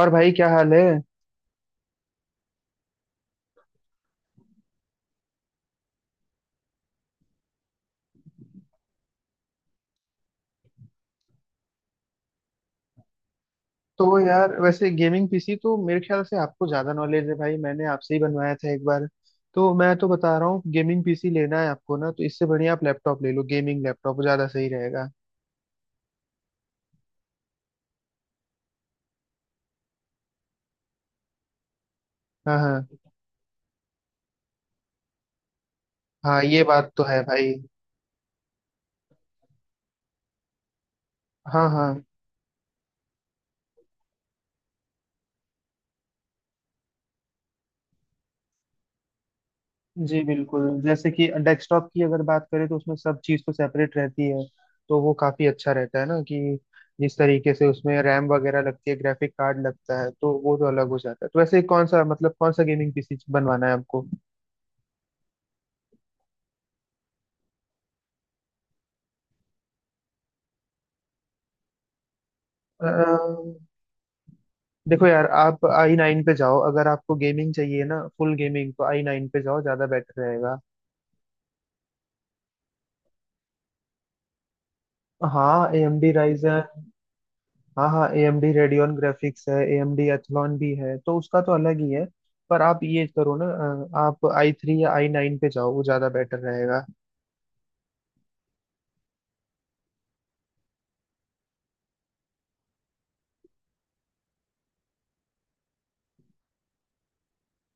और भाई, क्या हाल है? तो यार, वैसे गेमिंग पीसी तो मेरे ख्याल से आपको ज्यादा नॉलेज है भाई। मैंने आपसे ही बनवाया था एक बार। तो मैं तो बता रहा हूँ, गेमिंग पीसी लेना है आपको ना तो इससे बढ़िया आप लैपटॉप ले लो। गेमिंग लैपटॉप ज्यादा सही रहेगा। हाँ, हाँ। हाँ, ये बात तो है भाई। हाँ, हाँ। जी बिल्कुल, जैसे कि डेस्कटॉप की अगर बात करें तो उसमें सब चीज़ तो सेपरेट रहती है, तो वो काफ़ी अच्छा रहता है ना, कि जिस तरीके से उसमें रैम वगैरह लगती है, ग्राफिक कार्ड लगता है, तो वो तो अलग हो जाता है। तो वैसे कौन सा, मतलब, कौन सा गेमिंग पीसी बनवाना है आपको? अ, देखो यार, आप आई नाइन पे जाओ। अगर आपको गेमिंग चाहिए ना, फुल गेमिंग, तो आई नाइन पे जाओ, ज़्यादा बेटर रहेगा। हाँ, ए एम डी। हाँ, हाँ। A M D Radeon graphics है, ए एम डी एथलॉन भी है, तो उसका तो अलग ही है। पर आप ये करो ना, आप आई थ्री या आई नाइन पे जाओ, वो ज्यादा बेटर रहेगा।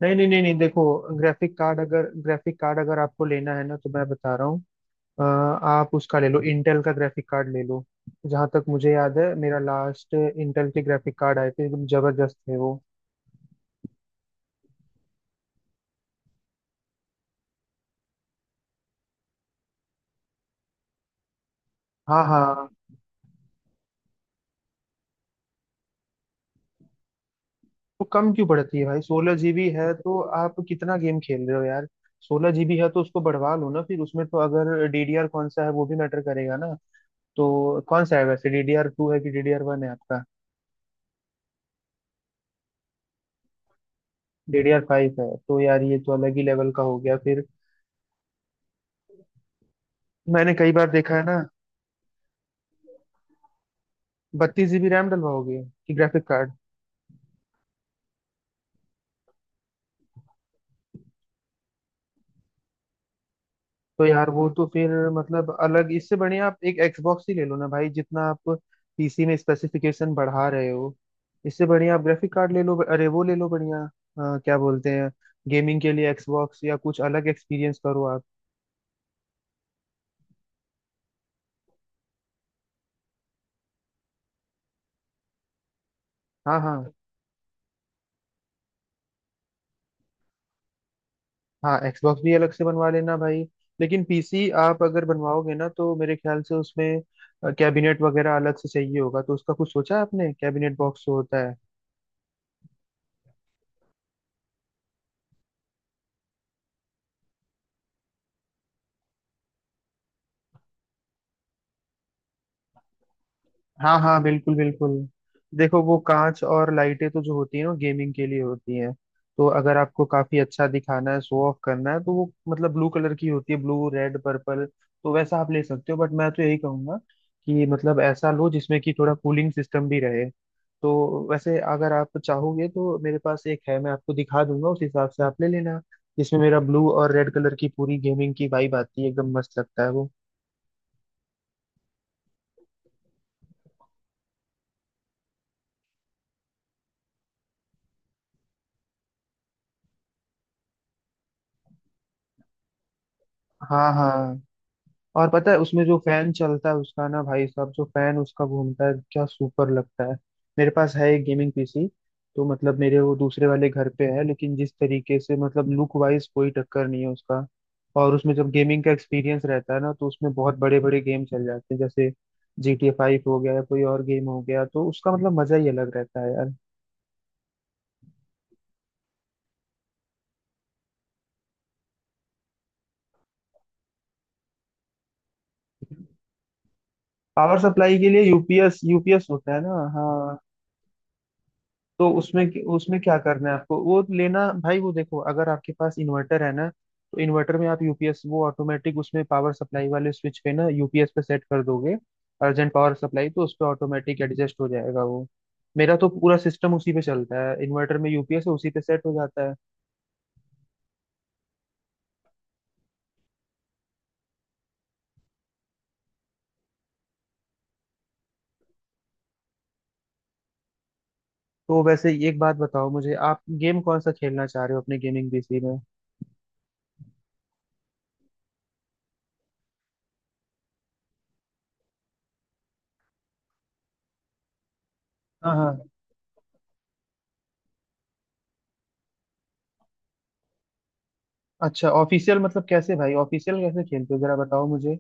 नहीं, नहीं, नहीं, नहीं। देखो, ग्राफिक कार्ड अगर आपको लेना है ना तो मैं बता रहा हूँ, आप उसका ले लो, इंटेल का ग्राफिक कार्ड ले लो। जहाँ तक मुझे याद है, मेरा लास्ट इंटेल के ग्राफिक कार्ड आए थे, एकदम जबरदस्त थे वो। हाँ, हाँ। वो कम क्यों पड़ती है भाई? 16 जीबी है तो आप कितना गेम खेल रहे हो यार? 16 जीबी है तो उसको बढ़वा लो ना फिर। उसमें तो अगर डीडीआर कौन सा है वो भी मैटर करेगा ना। तो कौन सा है वैसे, डीडीआर 2 है कि डीडीआर 1 है आपका? डीडीआर 5 है तो यार, ये तो अलग ही लेवल का हो गया फिर। मैंने कई बार देखा है ना। 32 जीबी रैम डलवाओगे कि ग्राफिक कार्ड? तो यार, वो तो फिर मतलब अलग, इससे बढ़िया आप एक एक्सबॉक्स ही ले लो ना भाई। जितना आप पीसी में स्पेसिफिकेशन बढ़ा रहे हो, इससे बढ़िया आप ग्राफिक कार्ड ले लो, अरे वो ले लो बढ़िया, क्या बोलते हैं, गेमिंग के लिए एक्सबॉक्स या कुछ अलग एक्सपीरियंस करो आप। हाँ, हाँ। हाँ, एक्सबॉक्स भी अलग से बनवा लेना भाई। लेकिन पीसी आप अगर बनवाओगे ना, तो मेरे ख्याल से उसमें कैबिनेट वगैरह अलग से चाहिए होगा, तो उसका कुछ सोचा है आपने कैबिनेट बॉक्स जो होता है? हाँ, हाँ, बिल्कुल, बिल्कुल। देखो, वो कांच और लाइटें तो जो होती है ना, गेमिंग के लिए होती हैं। तो अगर आपको काफी अच्छा दिखाना है, शो ऑफ करना है, तो वो मतलब ब्लू कलर की होती है, ब्लू, रेड, पर्पल। तो वैसा आप ले सकते हो, बट मैं तो यही कहूंगा कि मतलब ऐसा लो जिसमें कि थोड़ा कूलिंग सिस्टम भी रहे। तो वैसे अगर आप चाहोगे तो मेरे पास एक है, मैं आपको दिखा दूंगा, उस हिसाब से आप ले लेना, जिसमें मेरा ब्लू और रेड कलर की पूरी गेमिंग की वाइब आती है, एकदम मस्त लगता है वो। हाँ, हाँ। और पता है उसमें जो फैन चलता है उसका ना, भाई साहब, जो फैन उसका घूमता है, क्या सुपर लगता है। मेरे पास है एक गेमिंग पीसी, तो मतलब मेरे वो दूसरे वाले घर पे है, लेकिन जिस तरीके से मतलब लुक वाइज, कोई टक्कर नहीं है उसका। और उसमें जब गेमिंग का एक्सपीरियंस रहता है ना, तो उसमें बहुत बड़े बड़े गेम चल जाते हैं, जैसे जीटीए 5 हो गया या कोई और गेम हो गया, तो उसका मतलब मजा ही अलग रहता है यार। पावर सप्लाई के लिए यूपीएस, यूपीएस होता है ना, हाँ। तो उसमें उसमें क्या करना है आपको? वो लेना भाई, वो देखो अगर आपके पास इन्वर्टर है ना तो इन्वर्टर में आप यूपीएस, वो ऑटोमेटिक उसमें पावर सप्लाई वाले स्विच पे ना यूपीएस पे सेट कर दोगे। अर्जेंट पावर सप्लाई तो उस पे ऑटोमेटिक एडजस्ट हो जाएगा वो। मेरा तो पूरा सिस्टम उसी पे चलता है, इन्वर्टर में यूपीएस है, उसी पे सेट हो जाता है। तो वैसे एक बात बताओ मुझे, आप गेम कौन सा खेलना चाह रहे हो अपने गेमिंग पीसी में? हाँ, हाँ। अच्छा, ऑफिशियल मतलब कैसे भाई? ऑफिशियल कैसे खेलते हो जरा बताओ मुझे।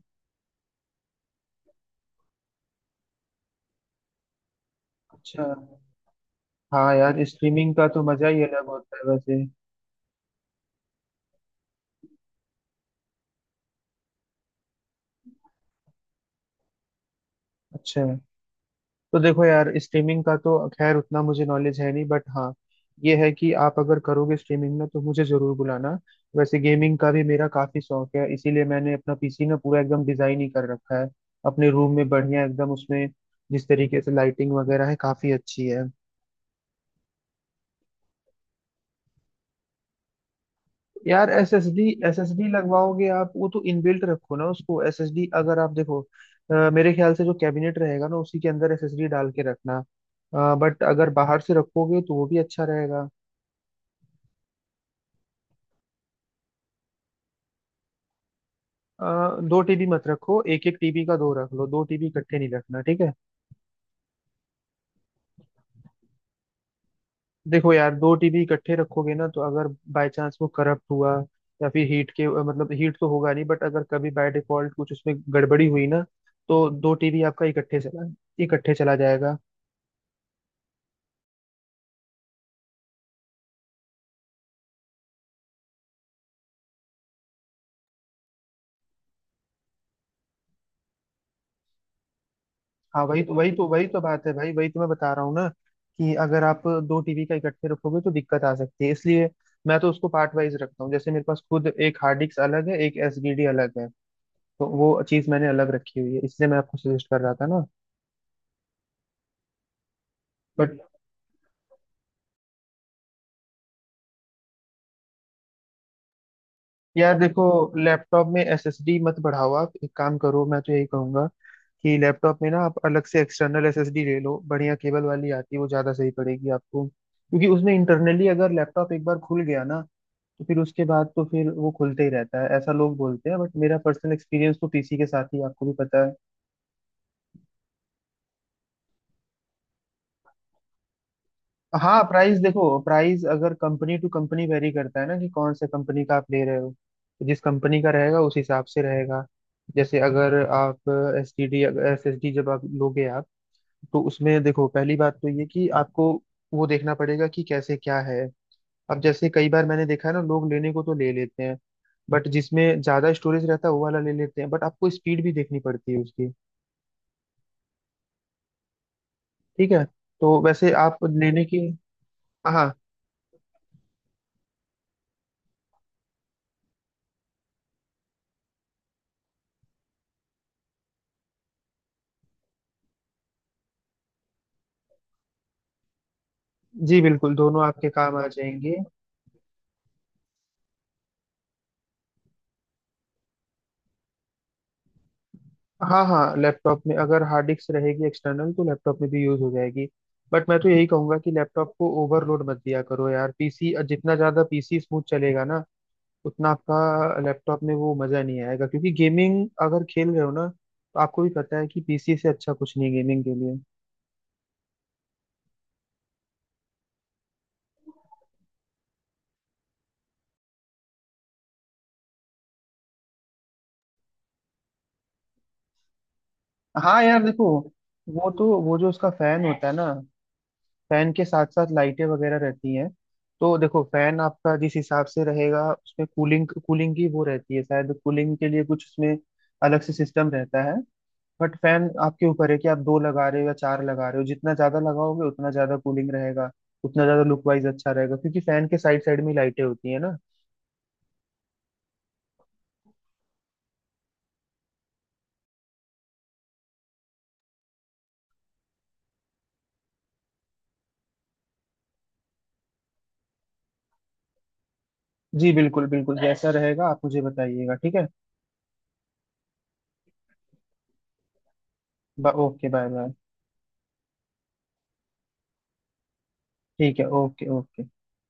अच्छा। हाँ यार, स्ट्रीमिंग का तो मजा ही अलग होता है वैसे। अच्छा। तो देखो यार, स्ट्रीमिंग का तो खैर उतना मुझे नॉलेज है नहीं, बट हाँ, ये है कि आप अगर करोगे स्ट्रीमिंग ना, तो मुझे जरूर बुलाना। वैसे गेमिंग का भी मेरा काफी शौक है, इसीलिए मैंने अपना पीसी ना पूरा एकदम डिजाइन ही कर रखा है अपने रूम में, बढ़िया एकदम, उसमें जिस तरीके से लाइटिंग वगैरह है, काफी अच्छी है। यार S S D, S S D लगवाओगे आप? वो तो इनबिल्ट रखो ना उसको। एस एस डी अगर आप देखो, मेरे ख्याल से जो कैबिनेट रहेगा ना, उसी के अंदर एस एस डी डाल के रखना, बट अगर बाहर से रखोगे तो वो भी अच्छा रहेगा। 2 टीबी मत रखो, एक एक टीबी का दो रख लो, 2 टीबी इकट्ठे नहीं रखना, ठीक है? देखो यार, 2 टीबी इकट्ठे रखोगे ना, तो अगर बाय चांस वो करप्ट हुआ, या फिर हीट के मतलब, हीट तो होगा नहीं, बट अगर कभी बाय डिफॉल्ट कुछ उसमें गड़बड़ी हुई ना, तो 2 टीबी आपका इकट्ठे चला जाएगा। हाँ, वही तो बात है भाई, वही तो मैं बता रहा हूँ ना, कि अगर आप दो टीवी का इकट्ठे रखोगे तो दिक्कत आ सकती है, इसलिए मैं तो उसको पार्ट वाइज रखता हूँ, जैसे मेरे पास खुद एक हार्ड डिस्क अलग है, एक एसडीडी अलग है, तो वो चीज़ मैंने अलग रखी हुई है, इसलिए मैं आपको सजेस्ट कर रहा था ना। बट यार देखो, लैपटॉप में एसएसडी मत बढ़ाओ, आप एक काम करो, मैं तो यही कहूंगा कि लैपटॉप में ना, आप अलग से एक्सटर्नल एसएसडी ले लो, बढ़िया केबल वाली आती है, वो ज़्यादा सही पड़ेगी आपको, क्योंकि उसमें इंटरनली अगर लैपटॉप एक बार खुल गया ना, तो फिर उसके बाद तो फिर वो खुलते ही रहता है, ऐसा लोग बोलते हैं, बट मेरा पर्सनल एक्सपीरियंस तो पीसी के साथ ही है, आपको भी पता है। हाँ, प्राइस देखो, प्राइस अगर कंपनी टू कंपनी वेरी करता है ना, कि कौन से कंपनी का आप ले रहे हो, तो जिस कंपनी का रहेगा, उस हिसाब से रहेगा। जैसे अगर आप एस एस डी जब आप लोगे आप, तो उसमें देखो, पहली बात तो ये कि आपको वो देखना पड़ेगा कि कैसे क्या है। अब जैसे कई बार मैंने देखा है ना, लोग लेने को तो ले लेते हैं, बट जिसमें ज्यादा स्टोरेज रहता है वो वाला ले लेते हैं, बट आपको स्पीड भी देखनी पड़ती है उसकी, ठीक है। तो वैसे आप लेने की। हाँ। जी बिल्कुल, दोनों आपके काम आ जाएंगे। हाँ, हाँ। लैपटॉप में अगर हार्ड डिस्क रहेगी एक्सटर्नल, तो लैपटॉप में भी यूज हो जाएगी, बट मैं तो यही कहूंगा कि लैपटॉप को ओवरलोड मत दिया करो यार, पीसी जितना ज्यादा पीसी स्मूथ चलेगा ना, उतना आपका लैपटॉप में वो मजा नहीं आएगा, क्योंकि गेमिंग अगर खेल रहे हो ना, तो आपको भी पता है कि पीसी से अच्छा कुछ नहीं है गेमिंग के लिए। हाँ यार देखो, वो जो उसका फैन होता है ना, फैन के साथ साथ लाइटें वगैरह रहती हैं। तो देखो, फैन आपका जिस हिसाब से रहेगा, उसमें कूलिंग, कूलिंग की वो रहती है शायद, कूलिंग के लिए कुछ उसमें अलग से सिस्टम रहता है। बट फैन आपके ऊपर है कि आप दो लगा रहे हो या चार लगा रहे हो, जितना ज्यादा लगाओगे, उतना ज्यादा कूलिंग रहेगा, उतना ज्यादा लुक वाइज अच्छा रहेगा, क्योंकि फैन के साइड साइड में लाइटें होती है ना। जी बिल्कुल, बिल्कुल। जैसा रहेगा आप मुझे बताइएगा, ठीक है। ओके, बाय बाय, ठीक है, ओके, ओके।